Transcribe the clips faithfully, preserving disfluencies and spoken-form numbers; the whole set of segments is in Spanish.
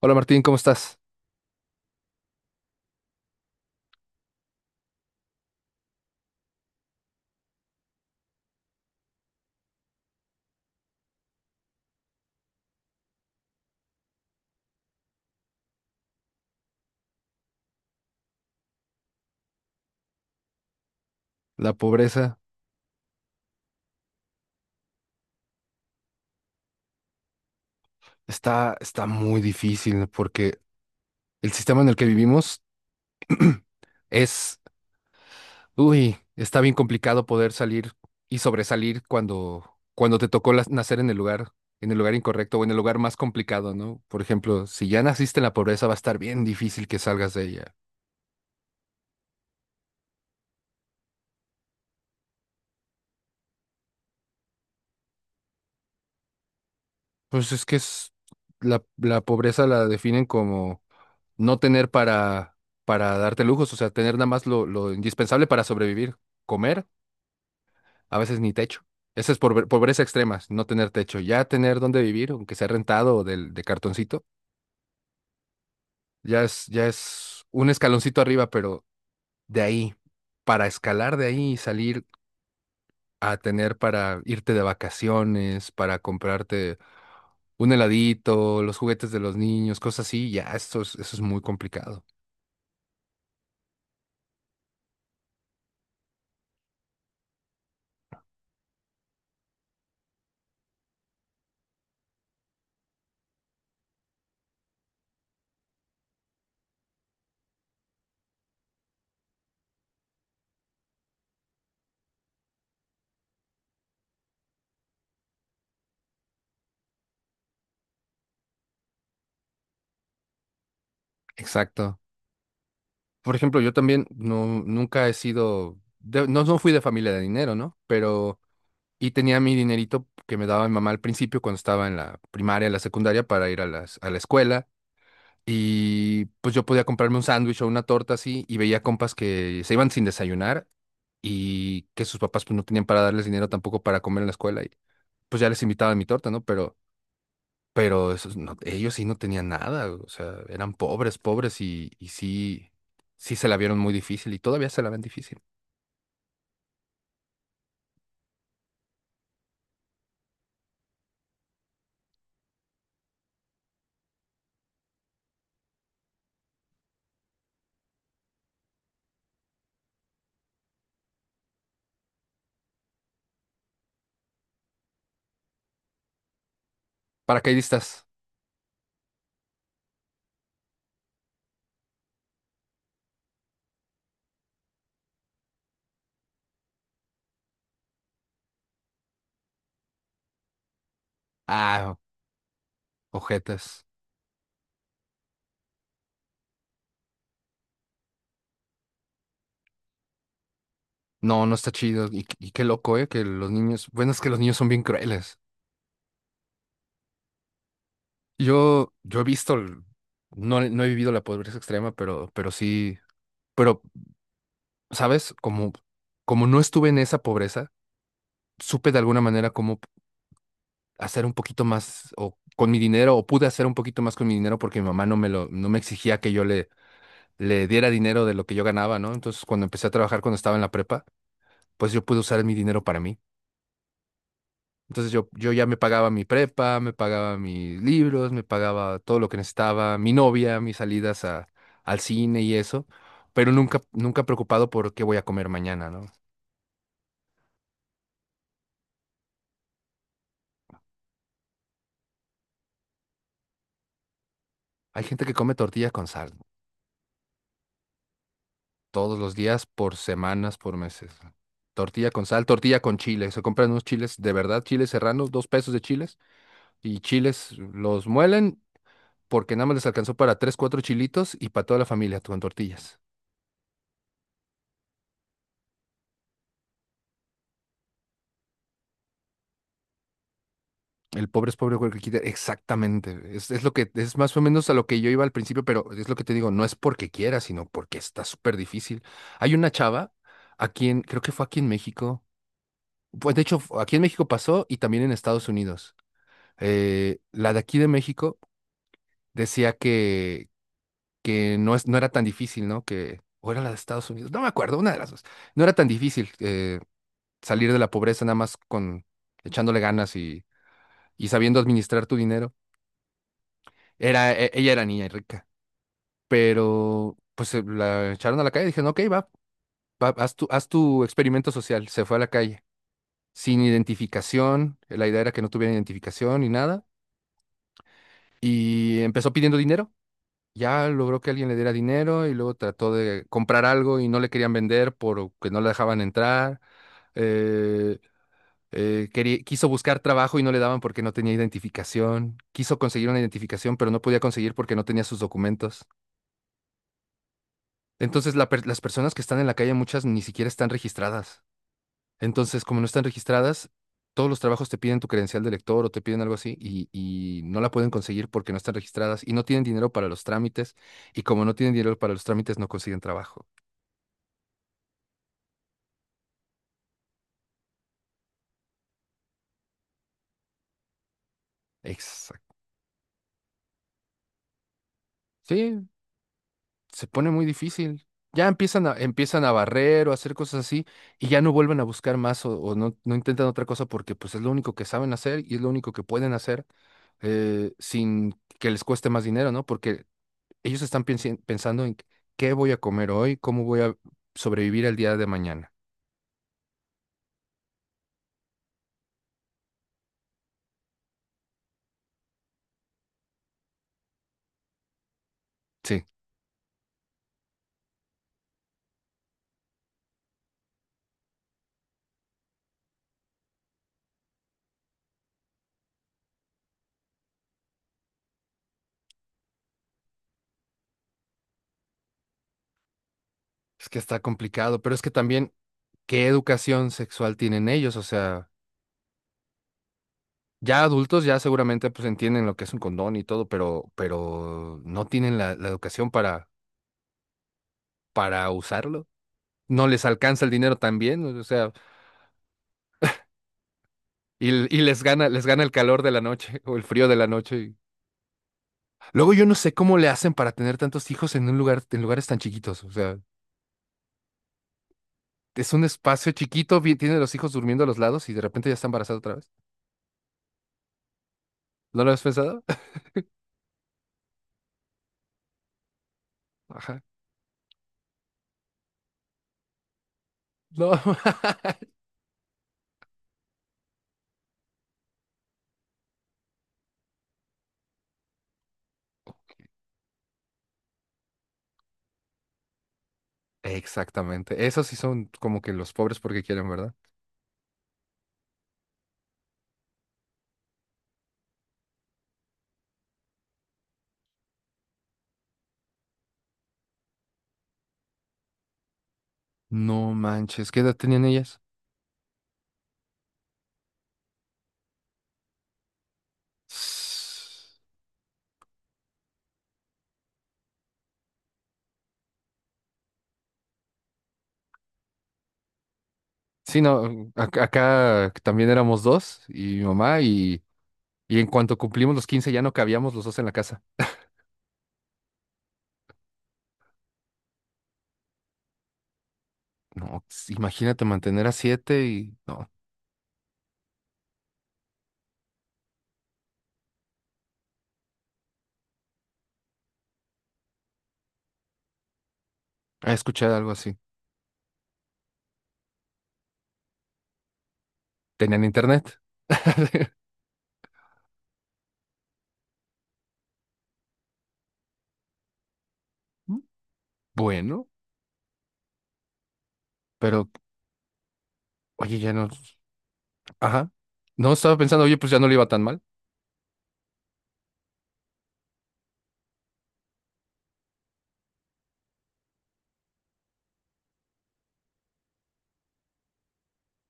Hola Martín, ¿cómo estás? La pobreza está, está muy difícil porque el sistema en el que vivimos es, uy, está bien complicado poder salir y sobresalir cuando, cuando te tocó las- nacer en el lugar, en el lugar incorrecto o en el lugar más complicado, ¿no? Por ejemplo, si ya naciste en la pobreza, va a estar bien difícil que salgas de ella. Pues es que es, la, la pobreza la definen como no tener para, para darte lujos, o sea, tener nada más lo, lo indispensable para sobrevivir, comer a veces ni techo. Esa es pobre- pobreza extrema, no tener techo. Ya tener dónde vivir, aunque sea rentado o del- de cartoncito, ya es, ya es un escaloncito arriba, pero de ahí, para escalar de ahí y salir a tener para irte de vacaciones, para comprarte un heladito, los juguetes de los niños, cosas así, ya eso es, eso es muy complicado. Exacto. Por ejemplo, yo también no, nunca he sido, de- no, no fui de familia de dinero, ¿no? Pero y tenía mi dinerito que me daba mi mamá al principio cuando estaba en la primaria, la secundaria para ir a las, a la escuela. Y pues yo podía comprarme un sándwich o una torta así y veía compas que se iban sin desayunar y que sus papás pues no tenían para darles dinero tampoco para comer en la escuela y pues ya les invitaba mi torta, ¿no? Pero, pero esos no- ellos sí no tenían nada, o sea, eran pobres, pobres y, y sí, sí se la vieron muy difícil y todavía se la ven difícil. Paracaidistas. Ah, ojetas. No, no está chido. Y, y qué loco, ¿eh? Que los niños, bueno, es que los niños son bien crueles. Yo, yo he visto, el- no, no he vivido la pobreza extrema, pero, pero sí, pero, ¿sabes? Como, como no estuve en esa pobreza, supe de alguna manera cómo hacer un poquito más o con mi dinero, o pude hacer un poquito más con mi dinero porque mi mamá no me lo, no me exigía que yo le, le diera dinero de lo que yo ganaba, ¿no? Entonces, cuando empecé a trabajar, cuando estaba en la prepa, pues yo pude usar mi dinero para mí. Entonces yo, yo ya me pagaba mi prepa, me pagaba mis libros, me pagaba todo lo que necesitaba, mi novia, mis salidas a- al cine y eso, pero nunca, nunca preocupado por qué voy a comer mañana, ¿no? Hay gente que come tortilla con sal todos los días, por semanas, por meses. Tortilla con sal, tortilla con chile. Se compran unos chiles, de verdad, chiles serranos, dos pesos de chiles, y chiles los muelen porque nada más les alcanzó para tres, cuatro chilitos y para toda la familia con tortillas. El pobre es pobre porque quiere. Exactamente. Es, es lo que, es más o menos a lo que yo iba al principio, pero es lo que te digo, no es porque quiera, sino porque está súper difícil. Hay una chava aquí en, creo que fue aquí en México. Pues de hecho, fu- aquí en México pasó y también en Estados Unidos. Eh, la de aquí de México decía que, que no es, no era tan difícil, ¿no? Que, o era la de Estados Unidos, no me acuerdo, una de las dos. No era tan difícil eh, salir de la pobreza nada más con echándole ganas y, y sabiendo administrar tu dinero. Era, e- ella era niña y rica, pero pues eh, la echaron a la calle. Dijeron, ok, va, va, haz tu, haz tu experimento social. Se fue a la calle sin identificación. La idea era que no tuviera identificación ni nada. Y empezó pidiendo dinero. Ya logró que alguien le diera dinero y luego trató de comprar algo y no le querían vender porque no la dejaban entrar. Eh, eh, quería- quiso buscar trabajo y no le daban porque no tenía identificación. Quiso conseguir una identificación, pero no podía conseguir porque no tenía sus documentos. Entonces, la per- las personas que están en la calle, muchas ni siquiera están registradas. Entonces, como no están registradas, todos los trabajos te piden tu credencial de lector o te piden algo así y, y no la pueden conseguir porque no están registradas y no tienen dinero para los trámites. Y como no tienen dinero para los trámites, no consiguen trabajo. Exacto. Sí, se pone muy difícil. Ya empiezan a, empiezan a barrer o a hacer cosas así y ya no vuelven a buscar más o, o no, no intentan otra cosa porque pues es lo único que saben hacer y es lo único que pueden hacer eh, sin que les cueste más dinero, ¿no? Porque ellos están piensi- pensando en qué voy a comer hoy, cómo voy a sobrevivir el día de mañana. Sí, es que está complicado, pero es que también, ¿qué educación sexual tienen ellos? O sea, ya adultos ya seguramente pues entienden lo que es un condón y todo, pero, pero no tienen la, la educación para, para usarlo. No les alcanza el dinero también, o sea, y, y les gana, les gana el calor de la noche o el frío de la noche. Y- Luego yo no sé cómo le hacen para tener tantos hijos en un lugar, en lugares tan chiquitos. O sea, es un espacio chiquito, bien- tiene los hijos durmiendo a los lados y de repente ya está embarazada otra vez. ¿No lo has pensado? Ajá. No. Exactamente. Esos sí son como que los pobres porque quieren, ¿verdad? No manches, ¿qué edad tenían ellas? Sí, no, ac- acá también éramos dos y mi mamá y, y en cuanto cumplimos los quince ya no cabíamos los dos en la casa. No, s- imagínate mantener a siete y no, he escuchado algo así. ¿Tenían internet? Bueno, pero oye, ya no, Ajá. No, estaba pensando, oye, pues ya no le iba tan mal,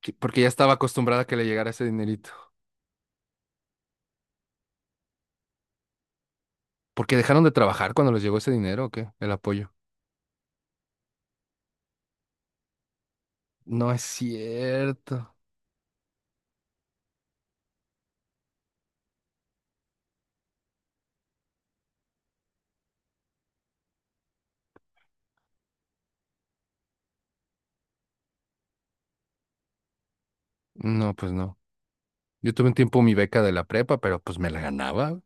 que- porque ya estaba acostumbrada a que le llegara ese dinerito. Porque dejaron de trabajar cuando les llegó ese dinero, ¿o qué? El apoyo. No es cierto. No, pues no. Yo tuve un tiempo mi beca de la prepa, pero pues me la ganaba.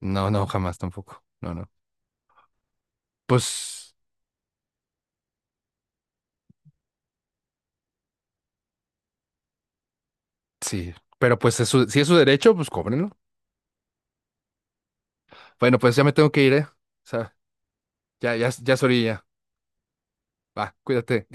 No, no, jamás tampoco. No, no. Pues sí, pero pues es su- si es su derecho, pues cóbrenlo. Bueno, pues ya me tengo que ir, ¿eh? O sea, ya, ya, ya es orilla. Va, cuídate.